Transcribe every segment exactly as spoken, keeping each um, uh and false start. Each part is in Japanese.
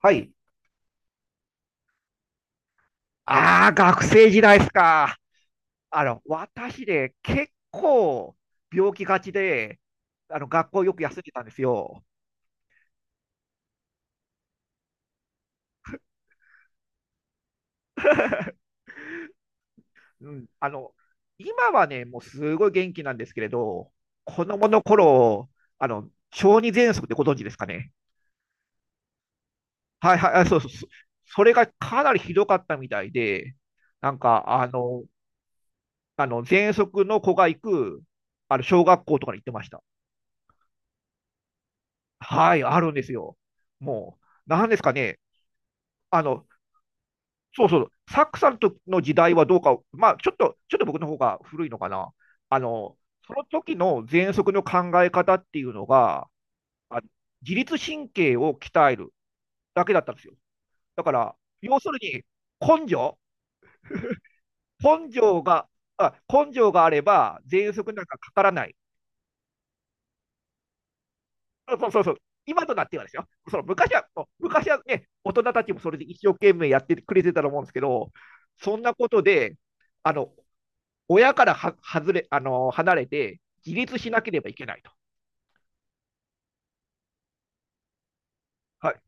はい。ああ、学生時代ですか。あの、私で結構病気がちで、あの、学校よく休んでたんですよ。うん。あの、今はね、もうすごい元気なんですけれど、子供の頃、あの、小児喘息ってご存知ですかね。はいはい、あ、そうそう、そそれがかなりひどかったみたいで、なんか、あの、あの、喘息の子が行く、あの、小学校とかに行ってました。はい、あるんですよ。もう、なんですかね、あの、そうそう、サックさんとの時代はどうか、まあ、ちょっと、ちょっと僕の方が古いのかな。あの、その時の喘息の考え方っていうのが、あ自律神経を鍛えるだけだったんですよ。だから、要するに、根性、根性が、あ、根性があれば、喘息なんかかからない。そうそうそうそう。今となってはですよ。その昔は、もう昔はね、大人たちもそれで一生懸命やってくれてたと思うんですけど、そんなことで、あの、親からは外れ、あのー離れて自立しなければいけないと。はい。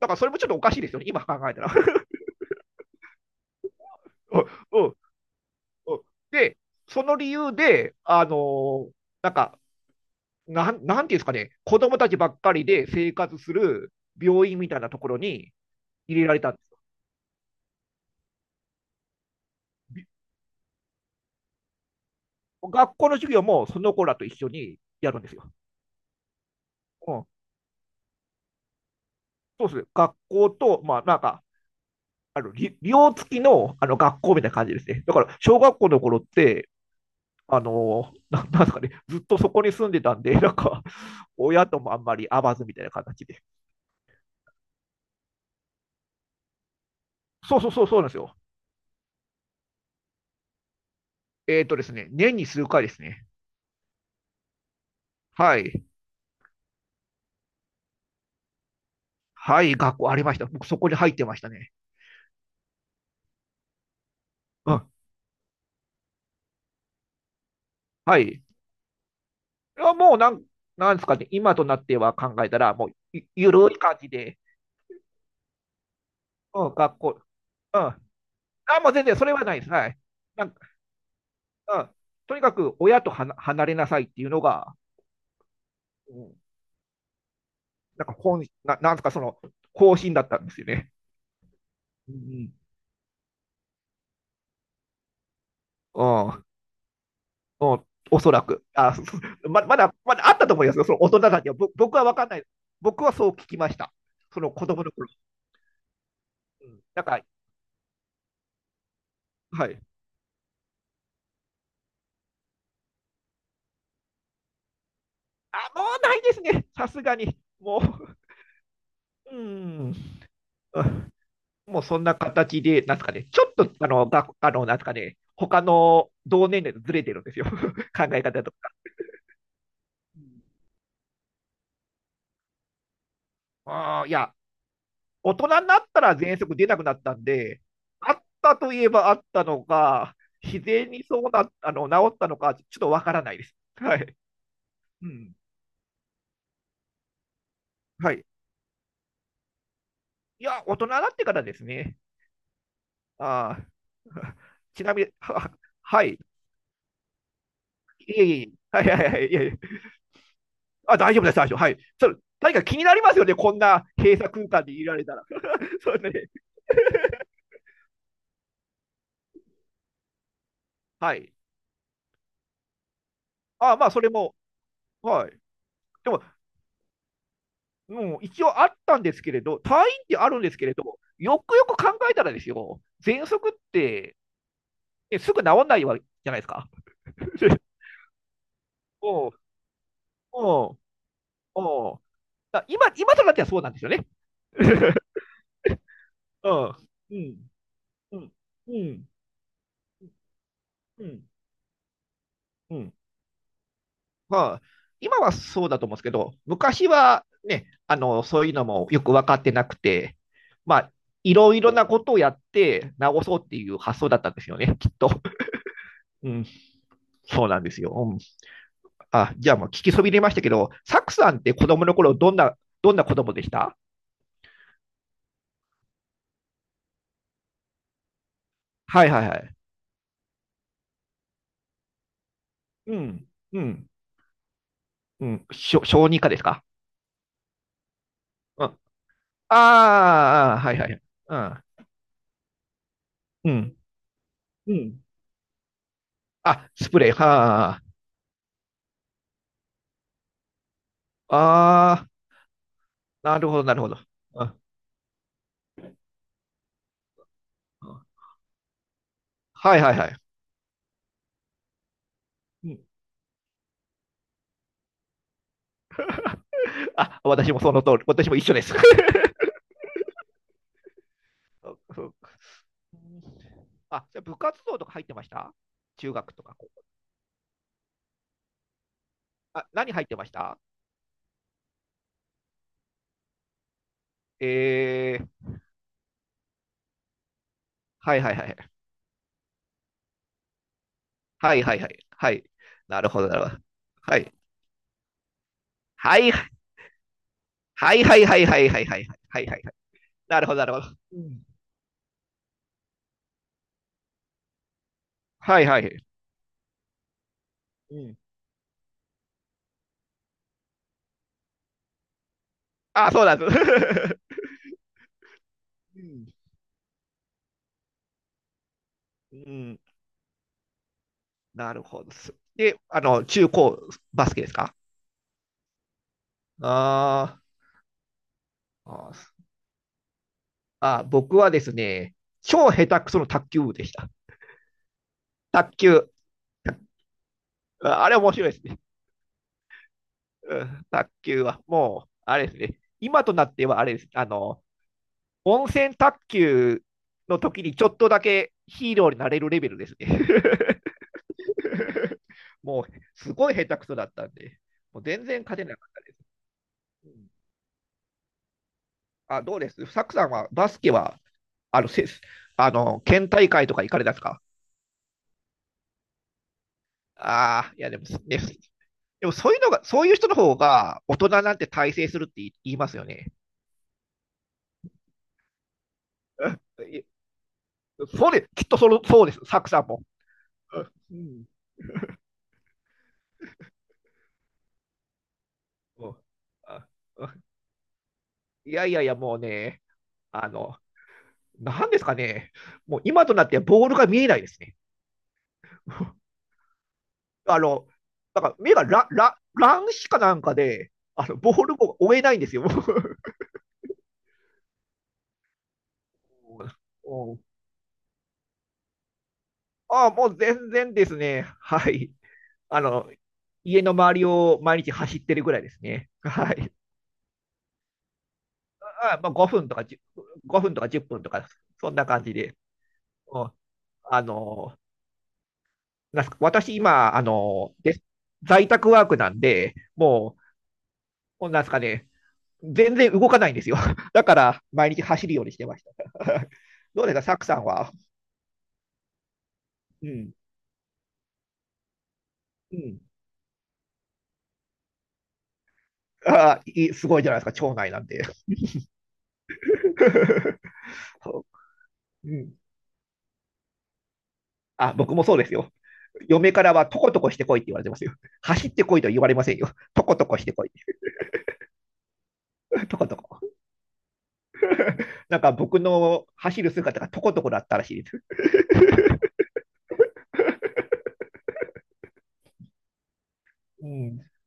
だからそれもちょっとおかしいですよね、今考えたら。うんうんうん。で、その理由で、あのーなんか、なん、なんていうんですかね、子供たちばっかりで生活する病院みたいなところに入れられたんですよ。学校の授業もその子らと一緒にやるんですよ。うん、そうですね。学校と、まあ、なんか、あの、寮付きの、あの、学校みたいな感じですね。だから、小学校の頃って、あの、ななんですかね、ずっとそこに住んでたんで、なんか、親ともあんまり会わずみたいな形で。そうそうそう、そうなんですよ。えっ、ーとですね、年に数回ですね。はい。はい、学校ありました。僕、そこに入ってましたね。うん。はい。いや、もうなん、なんですかね、今となっては考えたら、もうゆ、ゆるい感じで、うん、学校、うん。あ、もう全然それはないです。はい。なんか、うん。とにかく、親とはな離れなさいっていうのが、うん、なんか本、な、なんですか、その、方針だったんですよね。うんうんうん、うん、おそらく。あ、そそま、まだ、まだあったと思いますよ、その大人たちは。ぼ僕は分かんない。僕はそう聞きました。その子供の頃。うん、なんか、はい。あ、もうないですね。さすがに。もう、うん。うん。もうそんな形で、なんですかね、ちょっと、あの、が、あの、なんですかね、他の同年齢とずれてるんですよ。考え方とか。うん。ああ、いや、大人になったら喘息出なくなったんで、あったといえばあったのか、自然にそうな、あの、治ったのか、ちょっとわからないです。はい。うん。はい。いや、大人になってからですね。ああ。ちなみに、は、はい。いえいえ。はいはいはい。いえいえ。あ、大丈夫です、大丈夫。はい。それ、何か気になりますよね。こんな閉鎖空間にいられたら。そうね。はい。あ、まあ、それも、はい。でも、もう一応あったんですけれど、退院ってあるんですけれど、よくよく考えたらですよ、喘息って、ねすぐ治んないわけじゃないですか。おうん、うん、うん。だ今、今となってはそうなんですよね。うん、うん、うん、うん、うん、うん。まあ、今はそうだと思うんですけど、昔はね、あの、そういうのもよく分かってなくて、まあ、いろいろなことをやって治そうっていう発想だったんですよね、きっと。うん、そうなんですよ。うん。あ、じゃあもう聞きそびれましたけど、サクさんって子供の頃どんな、どんな子供でした？はいはいはい。うん、うん、うん。しょ小児科ですか？うん。ああ、あー、はいはい。うん、うん、うん。あ、スプレー。はあ、ああ、なるほど、なるほど。うん、うん。はいはいはい。うん。あ、私もその通り、私も一緒です。そうそう。あ、じゃあ部活動とか入ってました？中学とか。あ、何入ってました？えー、はいはいはい。はいはいはい。はい。なるほど、なるほど。はい。はい。はいはいはいはいはいはいはいはいはい。なるほど、なるほど。うん。はいはい。うん。あ、そうなんです。うん。うん。なるほどです。で、あの、中高バスケですか？あー。あー、あ、僕はですね、超下手くその卓球部でした。卓球。あ、あれ面白いですね。うん、卓球は、もう、あれですね。今となっては、あれです。あの、温泉卓球の時にちょっとだけヒーローになれるレベルですね。もう、すごい下手くそだったんで、もう全然勝てなかった。あ、どうですサクさんはバスケは、あの、せあの、県大会とか行かれたんですか？ああ、いや、でも、ね、でもそういうのが、そういう人の方が大人なんて大成するって言い言いますよね。うん。そうです。きっとその、そうです。サクさんも。うん。うんうん。あ。うん。いやいやいや、もうね、あの、なんですかね、もう今となってはボールが見えないですね。あの、なんか目がララ乱視かなんかで、あのボールを追えないんですよ。ああ、もう全然ですね。はい。あの、家の周りを毎日走ってるぐらいですね。はい。あ、まあ、ごふんとかじゅっぷん、分とかいっぷんとか、そんな感じで。うん、あの、なんすか私今、あの、で在宅ワークなんで、もう、なんですかね、全然動かないんですよ。だから、毎日走るようにしてました。どうですか、サクさんは。うん。うん。ああ、いい、すごいじゃないですか、町内なんで。うん。あ、僕もそうですよ。嫁からは、とことこしてこいって言われてますよ。走ってこいとは言われませんよ。とことこしてこい。とことこ。なんか僕の走る姿がとことこだったらしいです。うん。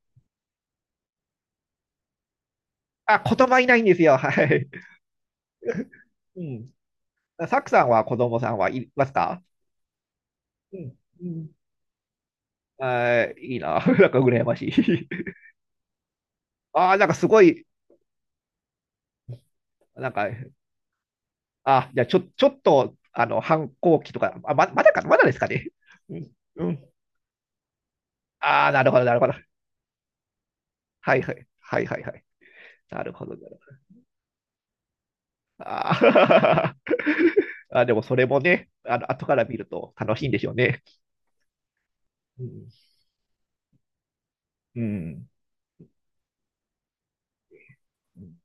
あ、言葉いないんですよ。はい。うん。サクさんは子供さんはいますか？うん。うん。あー、いいな。なんか羨ましい。ああ、なんかすごい、なんか、あ、じゃあちょ、ちょっと、あの、反抗期とか、あ、ま、まだか、まだですかね。うん、うん。ああ、なるほど、なるほど。はいはい、はいはいはい。なるほど、なるほど。あー あ、でもそれもね、あの、後から見ると楽しいんでしょうね。うん。うん。うん